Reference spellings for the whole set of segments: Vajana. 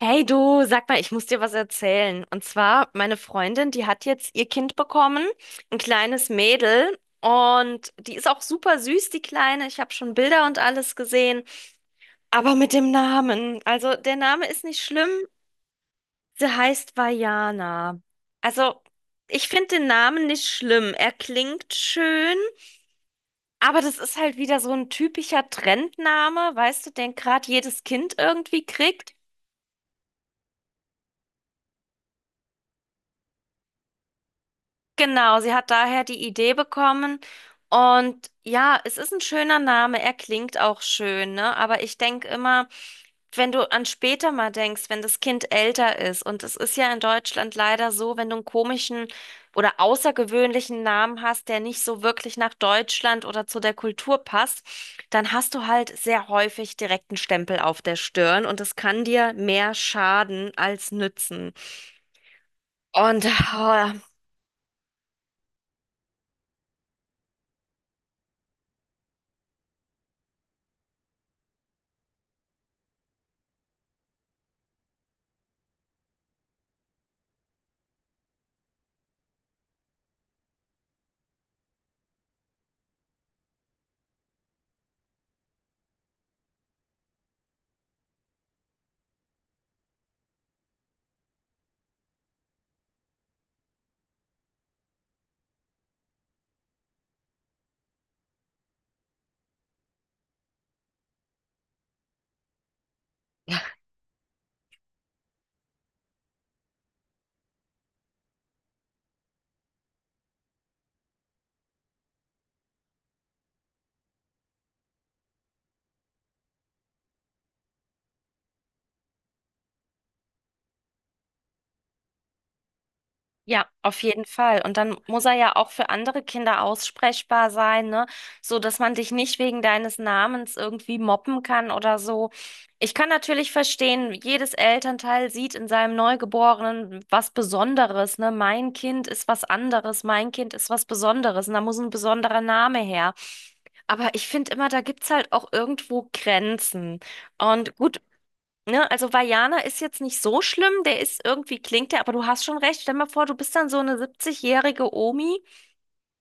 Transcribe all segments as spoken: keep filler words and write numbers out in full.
Hey du, sag mal, ich muss dir was erzählen. Und zwar, meine Freundin, die hat jetzt ihr Kind bekommen, ein kleines Mädel. Und die ist auch super süß, die Kleine. Ich habe schon Bilder und alles gesehen. Aber mit dem Namen. Also, der Name ist nicht schlimm. Sie heißt Vajana. Also, ich finde den Namen nicht schlimm. Er klingt schön, aber das ist halt wieder so ein typischer Trendname, weißt du, den gerade jedes Kind irgendwie kriegt. Genau, sie hat daher die Idee bekommen. Und ja, es ist ein schöner Name, er klingt auch schön, ne? Aber ich denke immer, wenn du an später mal denkst, wenn das Kind älter ist, und es ist ja in Deutschland leider so, wenn du einen komischen oder außergewöhnlichen Namen hast, der nicht so wirklich nach Deutschland oder zu der Kultur passt, dann hast du halt sehr häufig direkt einen Stempel auf der Stirn und das kann dir mehr schaden als nützen. Und oh, ja. Ja, auf jeden Fall. Und dann muss er ja auch für andere Kinder aussprechbar sein, ne? So, dass man dich nicht wegen deines Namens irgendwie mobben kann oder so. Ich kann natürlich verstehen, jedes Elternteil sieht in seinem Neugeborenen was Besonderes, ne? Mein Kind ist was anderes, mein Kind ist was Besonderes und da muss ein besonderer Name her. Aber ich finde immer, da gibt's halt auch irgendwo Grenzen. Und gut, ne, also Vajana ist jetzt nicht so schlimm, der ist irgendwie klingt der, aber du hast schon recht. Stell mal vor, du bist dann so eine siebzig-jährige Omi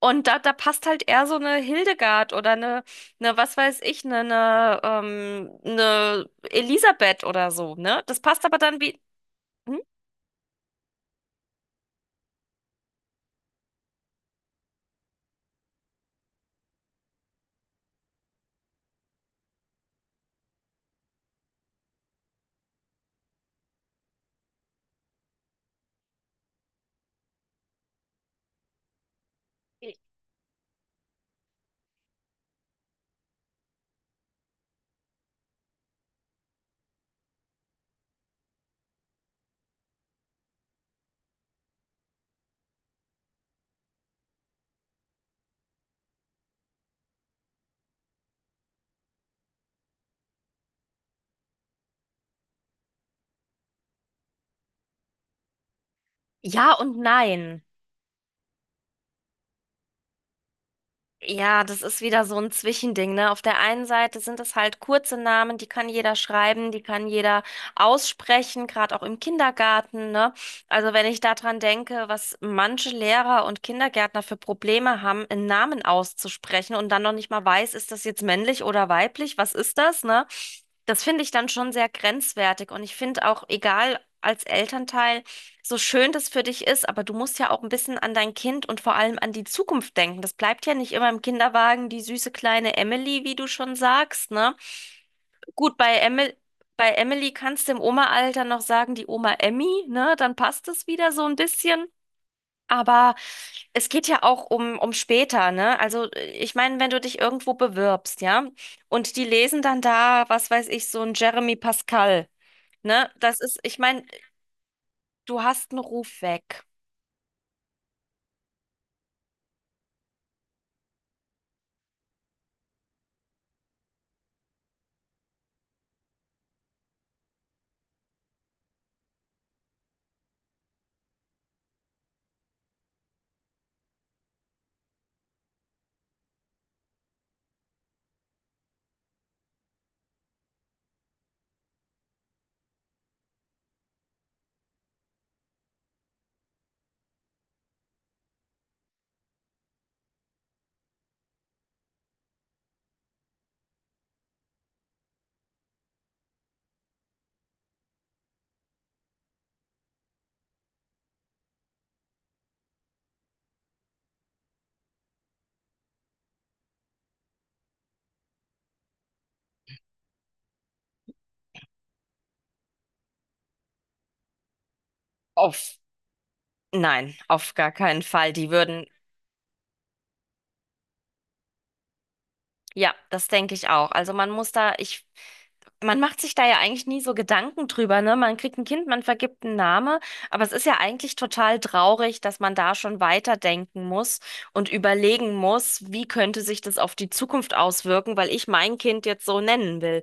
und da, da passt halt eher so eine Hildegard oder eine, eine was weiß ich, eine, eine, ähm, eine Elisabeth oder so, ne? Das passt aber dann wie. Hm? Ja und nein. Ja, das ist wieder so ein Zwischending, ne? Auf der einen Seite sind es halt kurze Namen, die kann jeder schreiben, die kann jeder aussprechen, gerade auch im Kindergarten, ne? Also wenn ich daran denke, was manche Lehrer und Kindergärtner für Probleme haben, einen Namen auszusprechen und dann noch nicht mal weiß, ist das jetzt männlich oder weiblich, was ist das, ne? Das finde ich dann schon sehr grenzwertig und ich finde auch, egal als Elternteil, so schön das für dich ist, aber du musst ja auch ein bisschen an dein Kind und vor allem an die Zukunft denken. Das bleibt ja nicht immer im Kinderwagen, die süße kleine Emily, wie du schon sagst, ne? Gut, bei Emily, bei Emily kannst du im Oma-Alter noch sagen, die Oma Emmy, ne? Dann passt es wieder so ein bisschen. Aber es geht ja auch um, um später, ne? Also, äh, ich meine, wenn du dich irgendwo bewirbst, ja, und die lesen dann da, was weiß ich, so ein Jeremy Pascal, ne? Das ist, ich meine, du hast einen Ruf weg. Auf nein, auf gar keinen Fall. Die würden, ja, das denke ich auch. Also man muss da, ich, man macht sich da ja eigentlich nie so Gedanken drüber, ne? Man kriegt ein Kind, man vergibt einen Namen, aber es ist ja eigentlich total traurig, dass man da schon weiterdenken muss und überlegen muss, wie könnte sich das auf die Zukunft auswirken, weil ich mein Kind jetzt so nennen will.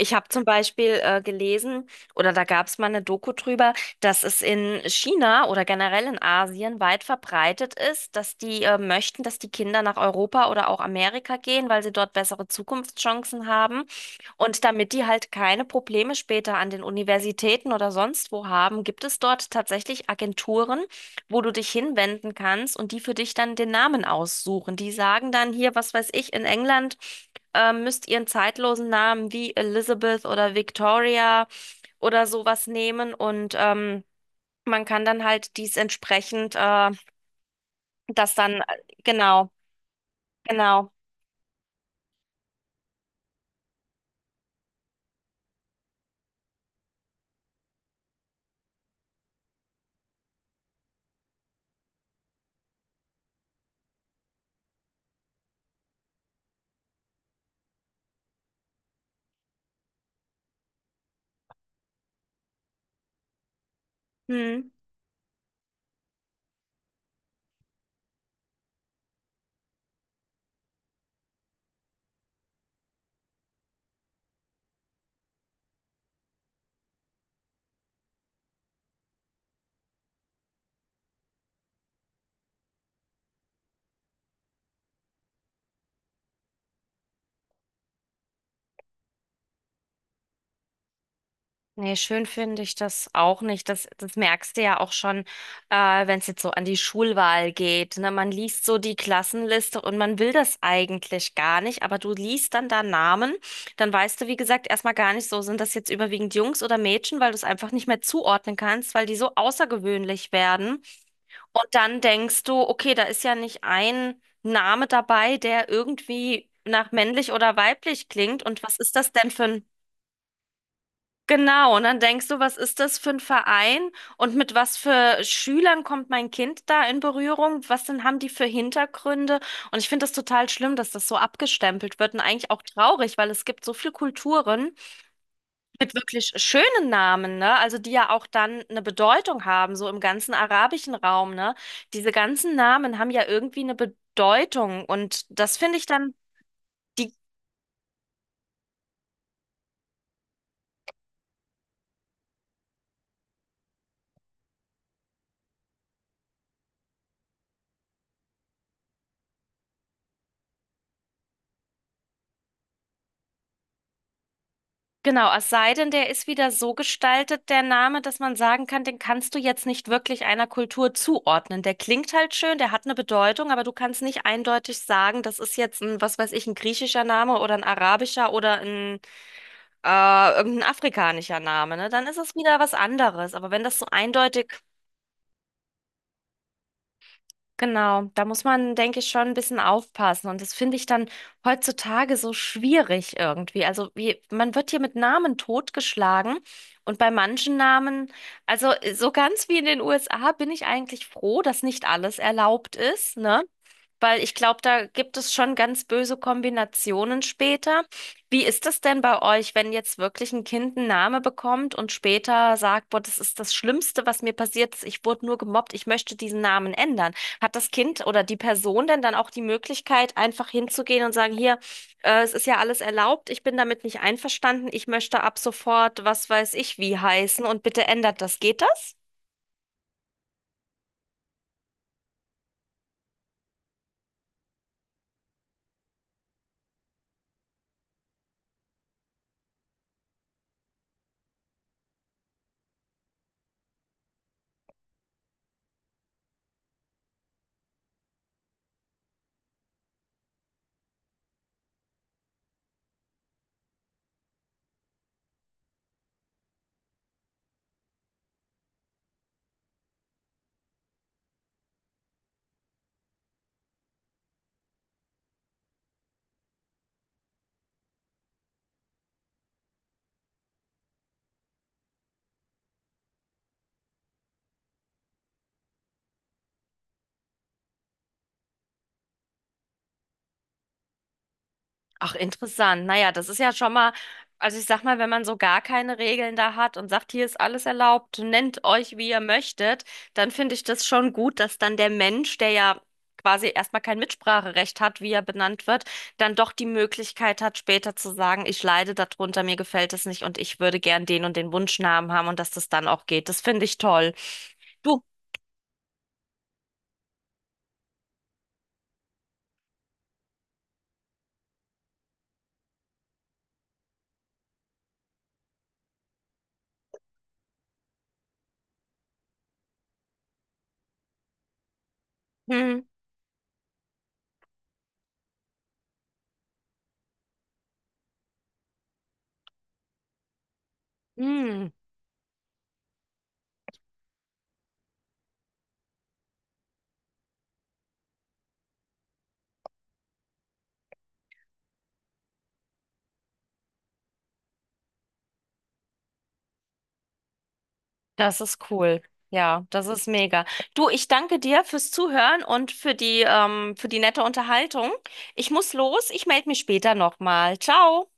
Ich habe zum Beispiel äh, gelesen, oder da gab es mal eine Doku drüber, dass es in China oder generell in Asien weit verbreitet ist, dass die äh, möchten, dass die Kinder nach Europa oder auch Amerika gehen, weil sie dort bessere Zukunftschancen haben. Und damit die halt keine Probleme später an den Universitäten oder sonst wo haben, gibt es dort tatsächlich Agenturen, wo du dich hinwenden kannst und die für dich dann den Namen aussuchen. Die sagen dann hier, was weiß ich, in England. äh, Müsst ihr einen zeitlosen Namen wie Elizabeth oder Victoria oder sowas nehmen und ähm, man kann dann halt dies entsprechend, äh, das dann, äh, genau, genau. Hm. Nee, schön finde ich das auch nicht. Das, das merkst du ja auch schon, äh, wenn es jetzt so an die Schulwahl geht. Ne? Man liest so die Klassenliste und man will das eigentlich gar nicht, aber du liest dann da Namen, dann weißt du, wie gesagt, erstmal gar nicht so, sind das jetzt überwiegend Jungs oder Mädchen, weil du es einfach nicht mehr zuordnen kannst, weil die so außergewöhnlich werden. Und dann denkst du, okay, da ist ja nicht ein Name dabei, der irgendwie nach männlich oder weiblich klingt. Und was ist das denn für ein... Genau, und dann denkst du, was ist das für ein Verein und mit was für Schülern kommt mein Kind da in Berührung? Was denn haben die für Hintergründe? Und ich finde das total schlimm, dass das so abgestempelt wird und eigentlich auch traurig, weil es gibt so viele Kulturen, mit wirklich schönen Namen, ne? Also die ja auch dann eine Bedeutung haben, so im ganzen arabischen Raum, ne? Diese ganzen Namen haben ja irgendwie eine Bedeutung und das finde ich dann die, genau, es sei denn, der ist wieder so gestaltet, der Name, dass man sagen kann, den kannst du jetzt nicht wirklich einer Kultur zuordnen. Der klingt halt schön, der hat eine Bedeutung, aber du kannst nicht eindeutig sagen, das ist jetzt ein, was weiß ich, ein griechischer Name oder ein arabischer oder ein äh, irgendein afrikanischer Name, ne? Dann ist es wieder was anderes. Aber wenn das so eindeutig, genau, da muss man, denke ich, schon ein bisschen aufpassen. Und das finde ich dann heutzutage so schwierig irgendwie. Also wie, man wird hier mit Namen totgeschlagen. Und bei manchen Namen, also so ganz wie in den U S A, bin ich eigentlich froh, dass nicht alles erlaubt ist, ne? Weil ich glaube, da gibt es schon ganz böse Kombinationen später. Wie ist das denn bei euch, wenn jetzt wirklich ein Kind einen Namen bekommt und später sagt, boah, das ist das Schlimmste, was mir passiert ist, ich wurde nur gemobbt, ich möchte diesen Namen ändern. Hat das Kind oder die Person denn dann auch die Möglichkeit, einfach hinzugehen und sagen, hier, äh, es ist ja alles erlaubt, ich bin damit nicht einverstanden, ich möchte ab sofort, was weiß ich, wie heißen und bitte ändert das. Geht das? Ach, interessant. Naja, das ist ja schon mal, also ich sag mal, wenn man so gar keine Regeln da hat und sagt, hier ist alles erlaubt, nennt euch, wie ihr möchtet, dann finde ich das schon gut, dass dann der Mensch, der ja quasi erstmal kein Mitspracherecht hat, wie er benannt wird, dann doch die Möglichkeit hat, später zu sagen, ich leide darunter, mir gefällt es nicht und ich würde gern den und den Wunschnamen haben und dass das dann auch geht. Das finde ich toll. Du, hm, hm. Das ist cool. Ja, das ist mega. Du, ich danke dir fürs Zuhören und für die, ähm, für die nette Unterhaltung. Ich muss los. Ich melde mich später nochmal. Ciao.